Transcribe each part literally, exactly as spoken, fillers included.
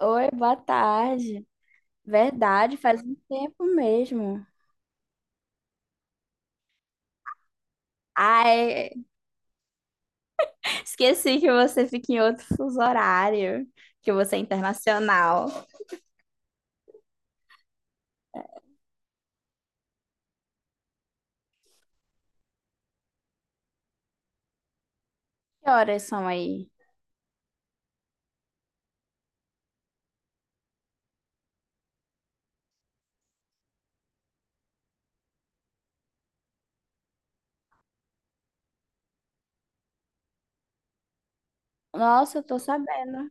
Oi, boa tarde. Verdade, faz um tempo mesmo. Ai, esqueci que você fica em outro fuso horário, que você é internacional. Que horas são aí? Nossa, eu tô sabendo.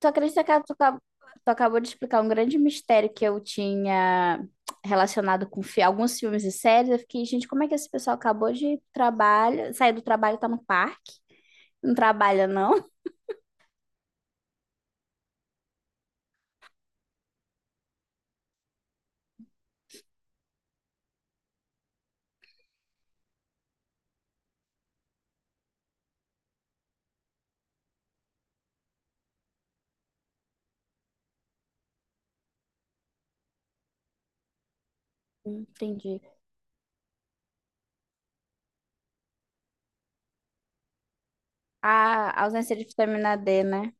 Tu acredita que tu, acab- tu acabou de explicar um grande mistério que eu tinha relacionado com fi- alguns filmes e séries? Eu fiquei, gente, como é que esse pessoal acabou de trabalho, sair do trabalho e tá no parque? Não trabalha, não? Entendi. A ausência de vitamina D, né?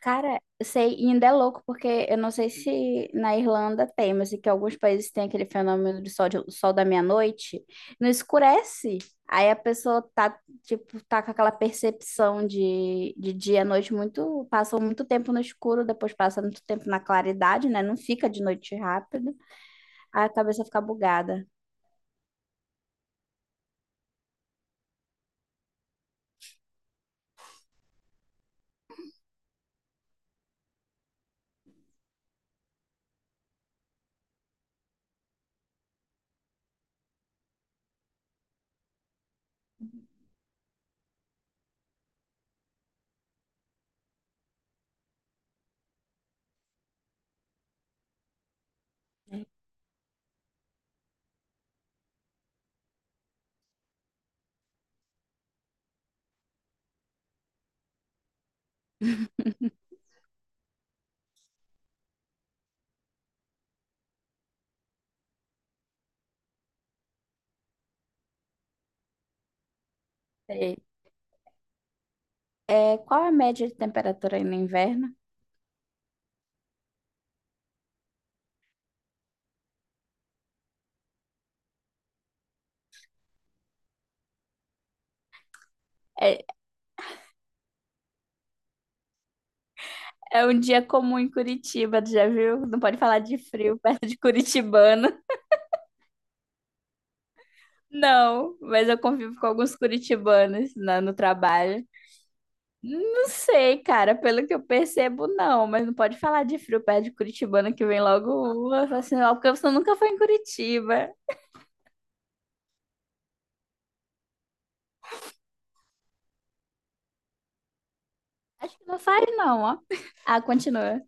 Cara, eu sei, e ainda é louco, porque eu não sei se na Irlanda tem, mas é que alguns países têm aquele fenômeno do sol, de- sol da meia-noite, não escurece. Aí a pessoa tá, tipo, tá com aquela percepção de, de dia à noite muito, passa muito tempo no escuro, depois passa muito tempo na claridade, né? Não fica de noite rápido, aí a cabeça fica bugada. Sei. É, qual é a média de temperatura aí no inverno? É, é um dia comum em Curitiba, tu já viu? Não pode falar de frio perto de Curitibano. Não, mas eu convivo com alguns curitibanos na- no trabalho. Não sei, cara, pelo que eu percebo, não, mas não pode falar de frio perto de curitibano que vem logo uma, fala assim, ó, porque você nunca foi em Curitiba. Acho que não faz, não, ó. Ah, continua.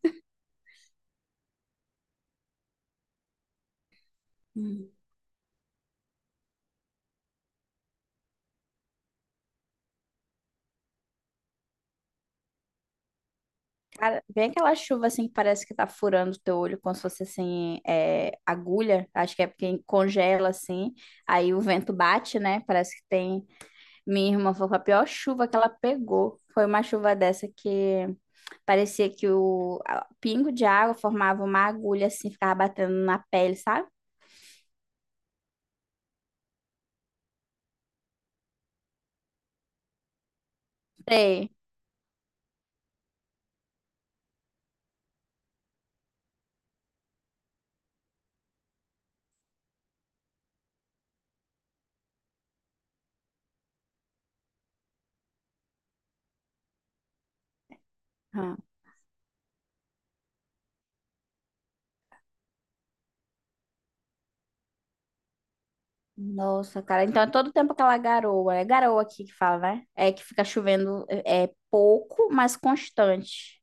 Hum. Cara, vem aquela chuva assim que parece que tá furando o teu olho, como se fosse assim, é, agulha. Acho que é porque congela assim, aí o vento bate, né? Parece que tem. Minha irmã foi com a pior chuva que ela pegou. Foi uma chuva dessa que. Parecia que o a- o pingo de água formava uma agulha assim, ficava batendo na pele, sabe? Sei. Ah, nossa, cara. Então é todo tempo aquela garoa. É garoa aqui que fala, né? É que fica chovendo é, é pouco, mas constante.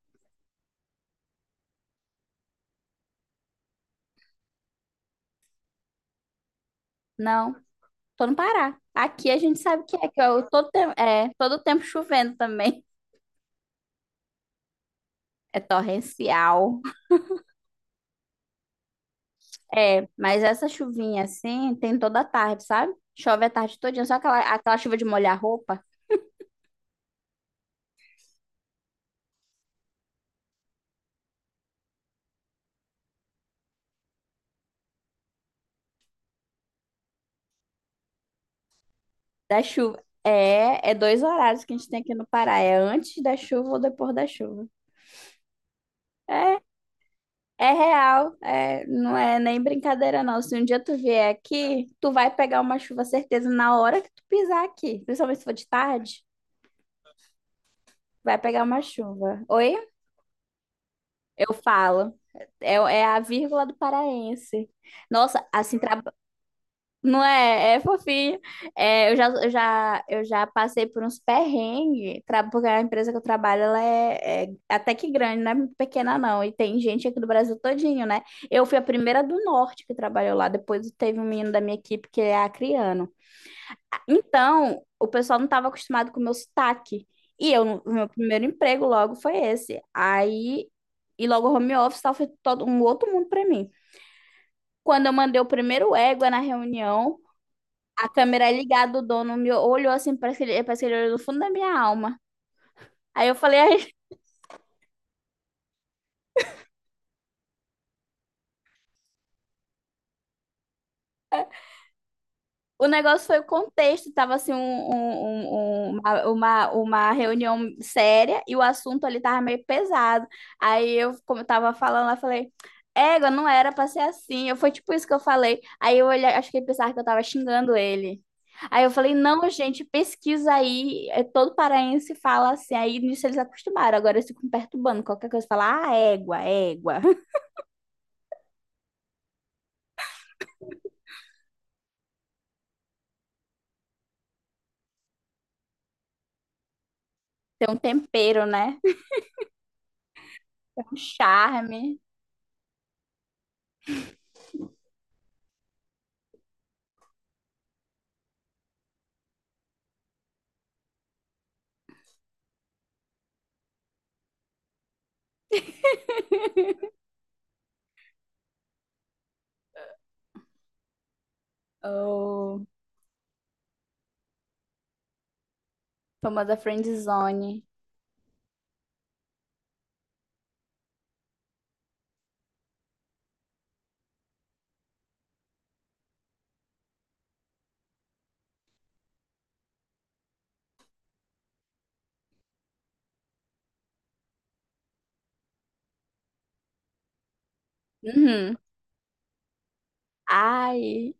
Não, tô no Pará. Aqui a gente sabe que é, que eu todo tempo, é todo tempo chovendo também. É torrencial. É, mas essa chuvinha assim tem toda tarde, sabe? Chove a tarde todinha, só aquela, aquela chuva de molhar roupa. Da chuva. É, é dois horários que a gente tem aqui no Pará. É antes da chuva ou depois da chuva. É, é real. É, não é nem brincadeira, não. Se um dia tu vier aqui, tu vai pegar uma chuva, certeza, na hora que tu pisar aqui. Principalmente se for de tarde, vai pegar uma chuva. Oi? Eu falo. É, é a vírgula do paraense. Nossa, assim, tra Não é? É fofinho. É, eu já, eu já, eu já passei por uns perrengues, tra- porque a empresa que eu trabalho, ela é, é até que grande, não é muito pequena não. E tem gente aqui do Brasil todinho, né? Eu fui a primeira do Norte que trabalhou lá. Depois teve um menino da minha equipe que é acriano. Então, o pessoal não estava acostumado com o meu sotaque. E eu, o meu primeiro emprego logo foi esse. Aí, e logo home office, tal, foi todo um outro mundo para mim. Quando eu mandei o primeiro égua na reunião, a câmera ligada, o dono me olhou assim, parece que ele, parece que ele olhou do fundo da minha alma. Aí eu falei, "Ai, o negócio foi o contexto, tava assim um, um- um- uma, uma, uma reunião séria e o assunto ali tava meio pesado. Aí eu, como eu tava falando, eu falei, égua, não era pra ser assim. Eu, foi tipo isso que eu falei. Aí eu olhei, acho que ele pensava que eu tava xingando ele. Aí eu falei, não, gente, pesquisa aí, é, todo paraense fala assim. Aí nisso eles acostumaram, agora eles ficam perturbando, qualquer coisa, fala, ah, égua, égua. Tem um tempero, né? Um charme. Oh, famosa friendzone. Uhum. Ai,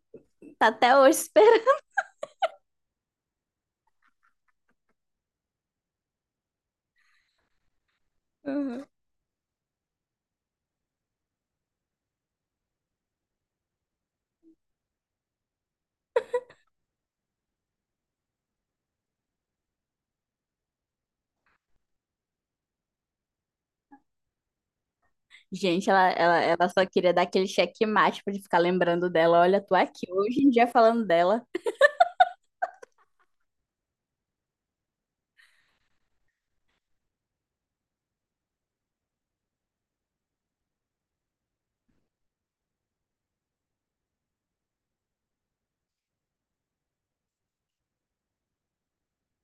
tá até hoje esperando. Uhum. Gente, ela, ela, ela só queria dar aquele checkmate pra gente ficar lembrando dela. Olha, tô aqui hoje em dia falando dela.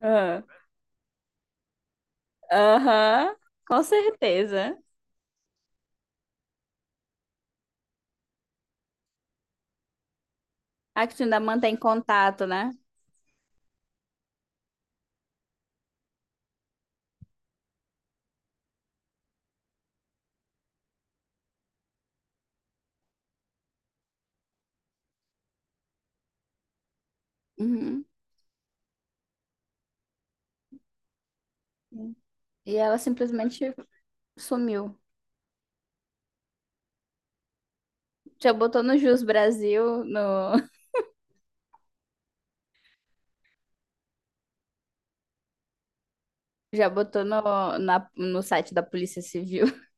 Aham. Aham, com certeza. A que tu ainda mantém contato, né? Uhum. E ela simplesmente sumiu. Já botou no Jus Brasil, no, já botou no, na- no site da Polícia Civil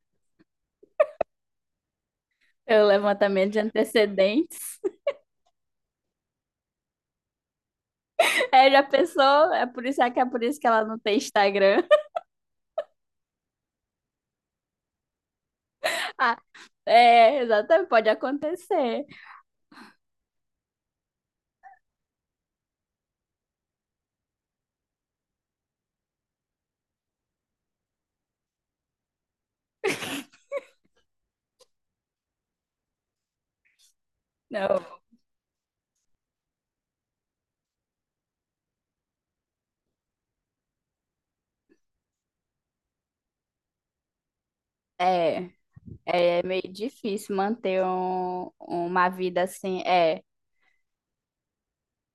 o levantamento de antecedentes. É, já pensou? É por isso é que é por isso que ela não tem Instagram. Ah, é, exatamente, pode acontecer. Não, é, é é meio difícil manter um- uma vida assim. É,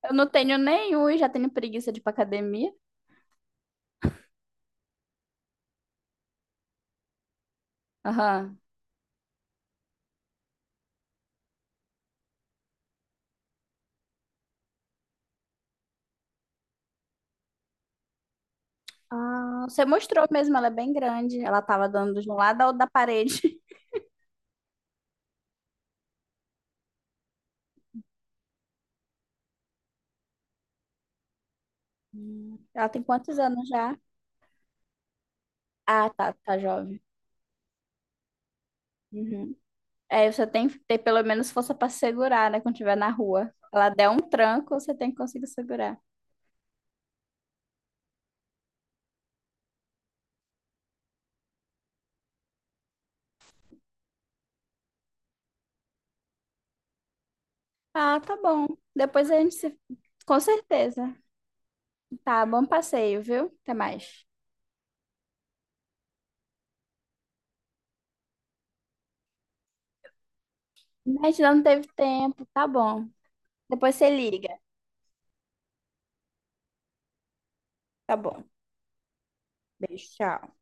eu não tenho nenhum e já tenho preguiça de ir pra academia. Aham. Ah, você mostrou mesmo, ela é bem grande. Ela tava dando de um lado ao da parede. Hum. Ela tem quantos anos já? Ah, tá, tá jovem. Uhum. É, você tem que ter pelo menos força para segurar, né? Quando estiver na rua. Se ela der um tranco, você tem que conseguir segurar. Ah, tá bom. Depois a gente se... Com certeza. Tá, bom passeio, viu? Até mais. A gente não teve tempo, tá bom. Depois você liga. Tá bom. Beijo, tchau.